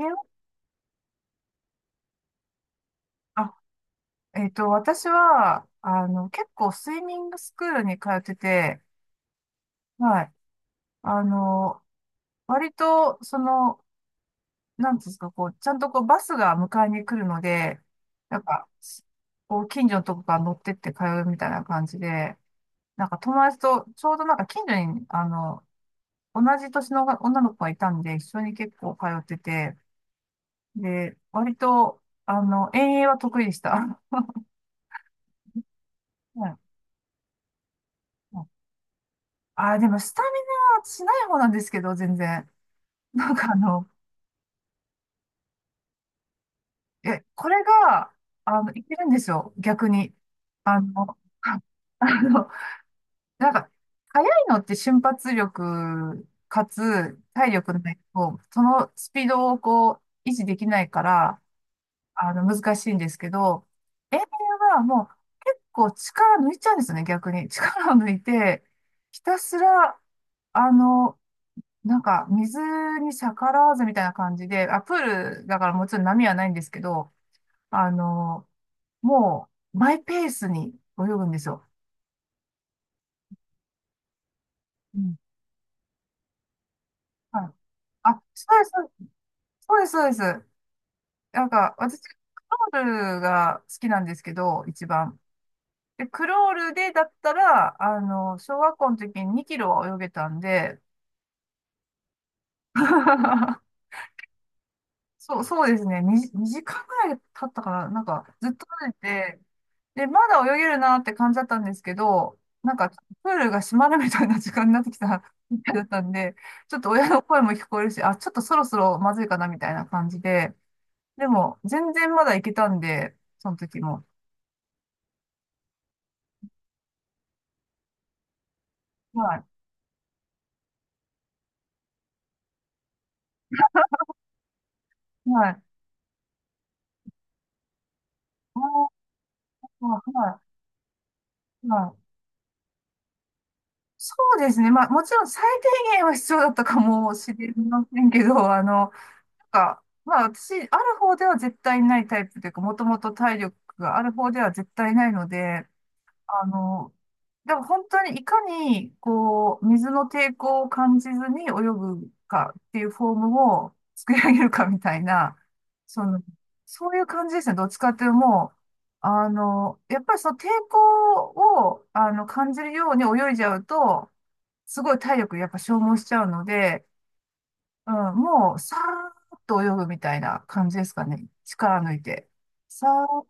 え、あ、私は、結構スイミングスクールに通ってて、はい。あの、割と、なんていうんですか、こう、ちゃんとこう、バスが迎えに来るので、なんか、こう、近所のとこから乗ってって通うみたいな感じで、なんか友達と、ちょうどなんか近所に、同じ年の女の子がいたんで、一緒に結構通ってて、で、割と、遠泳は得意でした。はい。でもスタミナしない方なんですけど、全然。なんかこれが、いけるんですよ、逆に。あの、ああの、なんか、速いのって瞬発力、かつ体力ないと、そのスピードをこう、維持できないから、難しいんですけど、遠泳はもう結構力抜いちゃうんですよね、逆に。力を抜いて、ひたすら、あの、なんか、水に逆らわずみたいな感じで、あ、プールだからもちろん波はないんですけど、あの、もう、マイペースに泳ぐんですよ。うん。はい。あ、そうです、そうです、そうです。そうです。なんか、私、クロールが好きなんですけど、一番。で、クロールでだったら、小学校の時に2キロは泳げたんで、そう、そうですね。2、時間ぐらい経ったかな。なんか、ずっと泳いでて、で、まだ泳げるなって感じだったんですけど、なんか、プールが閉まるみたいな時間になってきた みたい だったんで、ちょっと親の声も聞こえるし、あ、ちょっとそろそろまずいかなみたいな感じで、でも、全然まだ行けたんで、その時も。はい。はい。あーはい。はい。そうですね。まあ、もちろん最低限は必要だったかもしれませんけど、なんか、まあ、私、ある方では絶対ないタイプというか、もともと体力がある方では絶対ないので、あの、でも本当にいかに、こう、水の抵抗を感じずに泳ぐかっていうフォームを作り上げるかみたいな、その、そういう感じですね。どっちかっていうともう、やっぱりその抵抗を、感じるように泳いじゃうと、すごい体力やっぱ消耗しちゃうので、うん、もう、さーっと泳ぐみたいな感じですかね。力抜いて。さーっ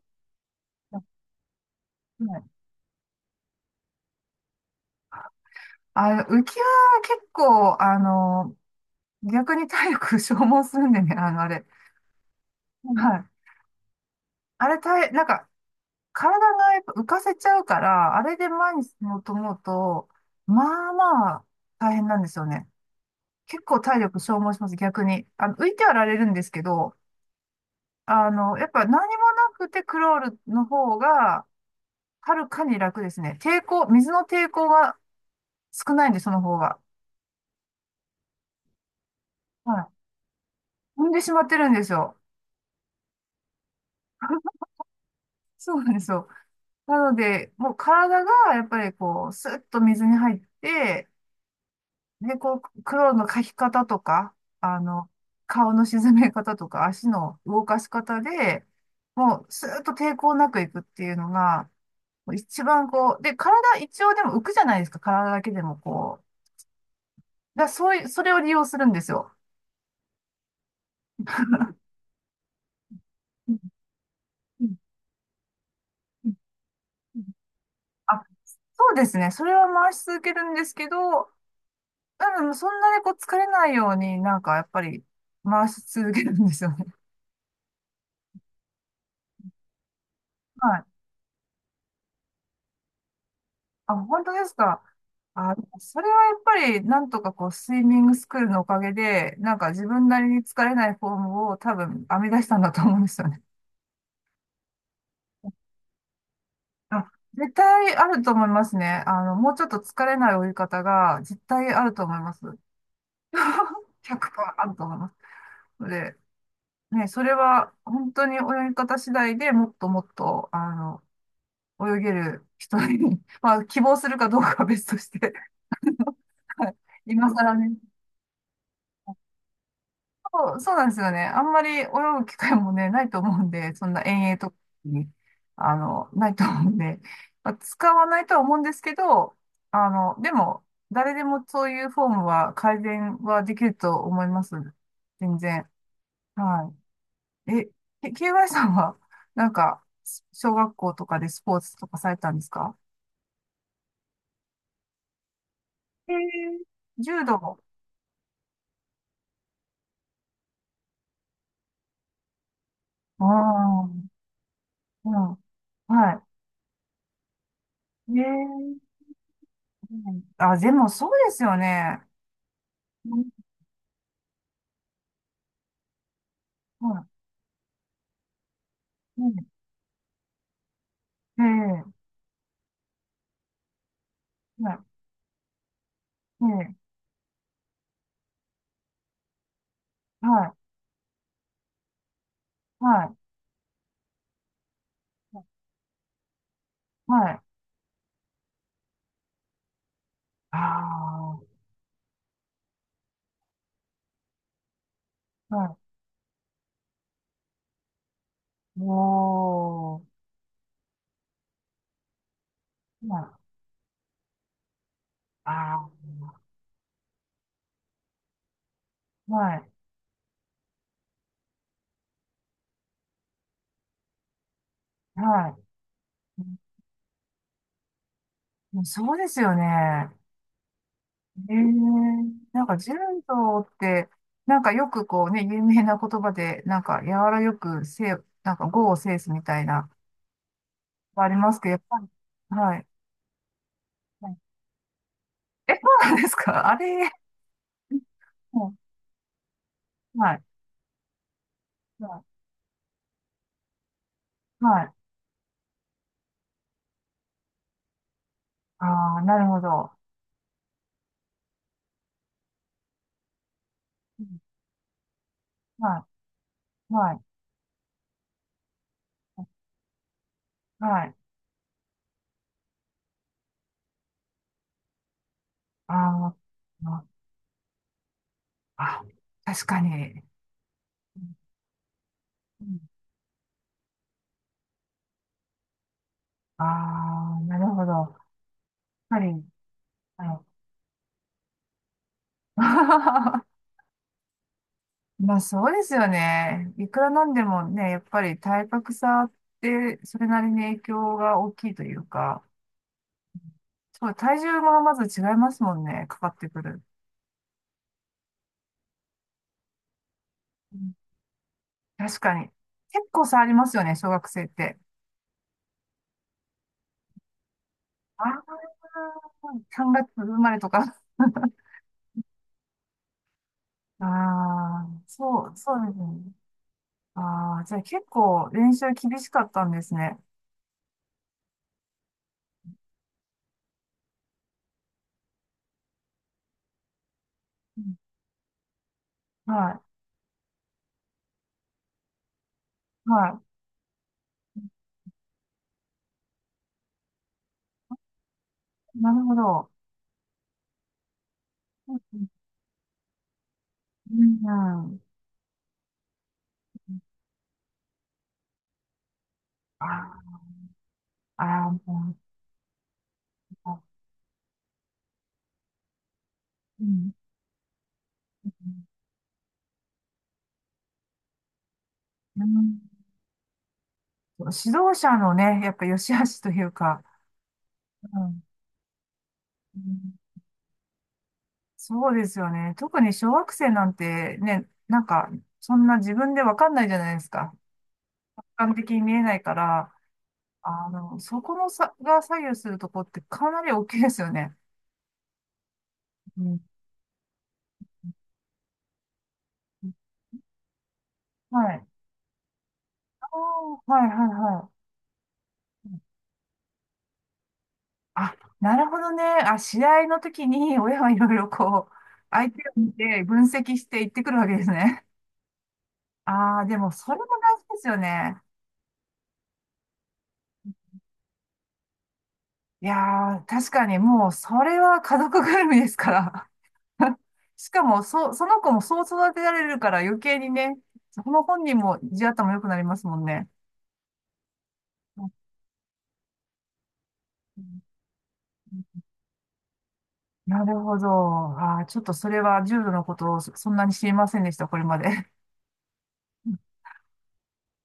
と。はい。浮きは結構、逆に体力消耗するんでね、あれ。はい。あれ、体、なんか、体がやっぱ浮かせちゃうから、あれで前に進もうと思うと、まあまあ、大変なんですよね。結構体力消耗します、逆に。浮いてはられるんですけど、やっぱ何もなくてクロールの方が、はるかに楽ですね。抵抗、水の抵抗が少ないんで、その方が。はい。踏んでしまってるんですよ。そうなんですよ。なので、もう体がやっぱりこう、スッと水に入って、で、こう、黒の描き方とか、あの、顔の沈め方とか、足の動かし方で、もう、スーッと抵抗なくいくっていうのが、もう一番こう、で、体一応でも浮くじゃないですか、体だけでもこう。だからそういう、それを利用するんですよ。うん、うん、うん、うん。あ、そうですね。それは回し続けるんですけど、多分そんなにこう疲れないようになんかやっぱり回し続けるんですよ。はい。あ、本当ですか。あ、それはやっぱり、なんとかこう、スイミングスクールのおかげで、なんか自分なりに疲れないフォームを多分編み出したんだと思うんですよね。あ、絶対あると思いますね。もうちょっと疲れない泳ぎ方が絶対あると思います。100%あると思います。ので、ね、それは本当に泳ぎ方次第でもっともっと、泳げる人に まあ、希望するかどうかは別として。 はい。今更ね。そう、そうなんですよね。あんまり泳ぐ機会もね、ないと思うんで、そんな遠泳とかに、ないと思うんで、まあ、使わないとは思うんですけど、でも、誰でもそういうフォームは改善はできると思います。全然。はい。KY さんは、なんか、小学校とかでスポーツとかされたんですか？えー、柔道。ああ、うん。はい。えー、あ、でもそうですよね。はい。うん。ええ、はい。ええ、はい。はい。はい。ああ、はい。おー。はい。ああ、はい。はい。うん。そうですよね。ええ、なんか柔道って、なんかよくこうね、有名な言葉で、なんか柔らよくせい、なんか語を制すみたいな、ありますけど、やっぱり、はい。はい。え、そうなんですかあれ、はい。はい。はい。はい。ああ、なるほど。うん。はい、はい、はい。あー、あ、あ確かに。うん。ああ、なるほど。やっぱり、あの まあそうですよね。いくらなんでもね、やっぱり体格差ってそれなりに影響が大きいというか、そう、体重もまず違いますもんね、かかってくる。うん。確かに。結構差ありますよね、小学生って。ああ、3月生まれとか。ああ、そう、そうですね。ああ、じゃあ結構練習厳しかったんですね。うん。はい、はい。なるほど。うん、うん。ああ、あーもう、うん、うん。指導者のね、やっぱ良し悪しというか、うん、うん。そうですよね。特に小学生なんてね、なんか、そんな自分でわかんないじゃないですか。俯瞰的に見えないから、そこの差が左右するとこってかなり大きいですよね。うん、はい。ああ、はい、はい、はい。あ、なるほどね。あ、試合の時に親はいろいろこう、相手を見て分析して行ってくるわけですね。ああ、でもそれも大事ですよね。いやー、確かにもうそれは家族ぐるみですから。しかも、その子もそう育てられるから余計にね、その本人も地頭良くなりますもんね。うん。なるほど。ああ、ちょっとそれは重度のことをそんなに知りませんでした、これまで。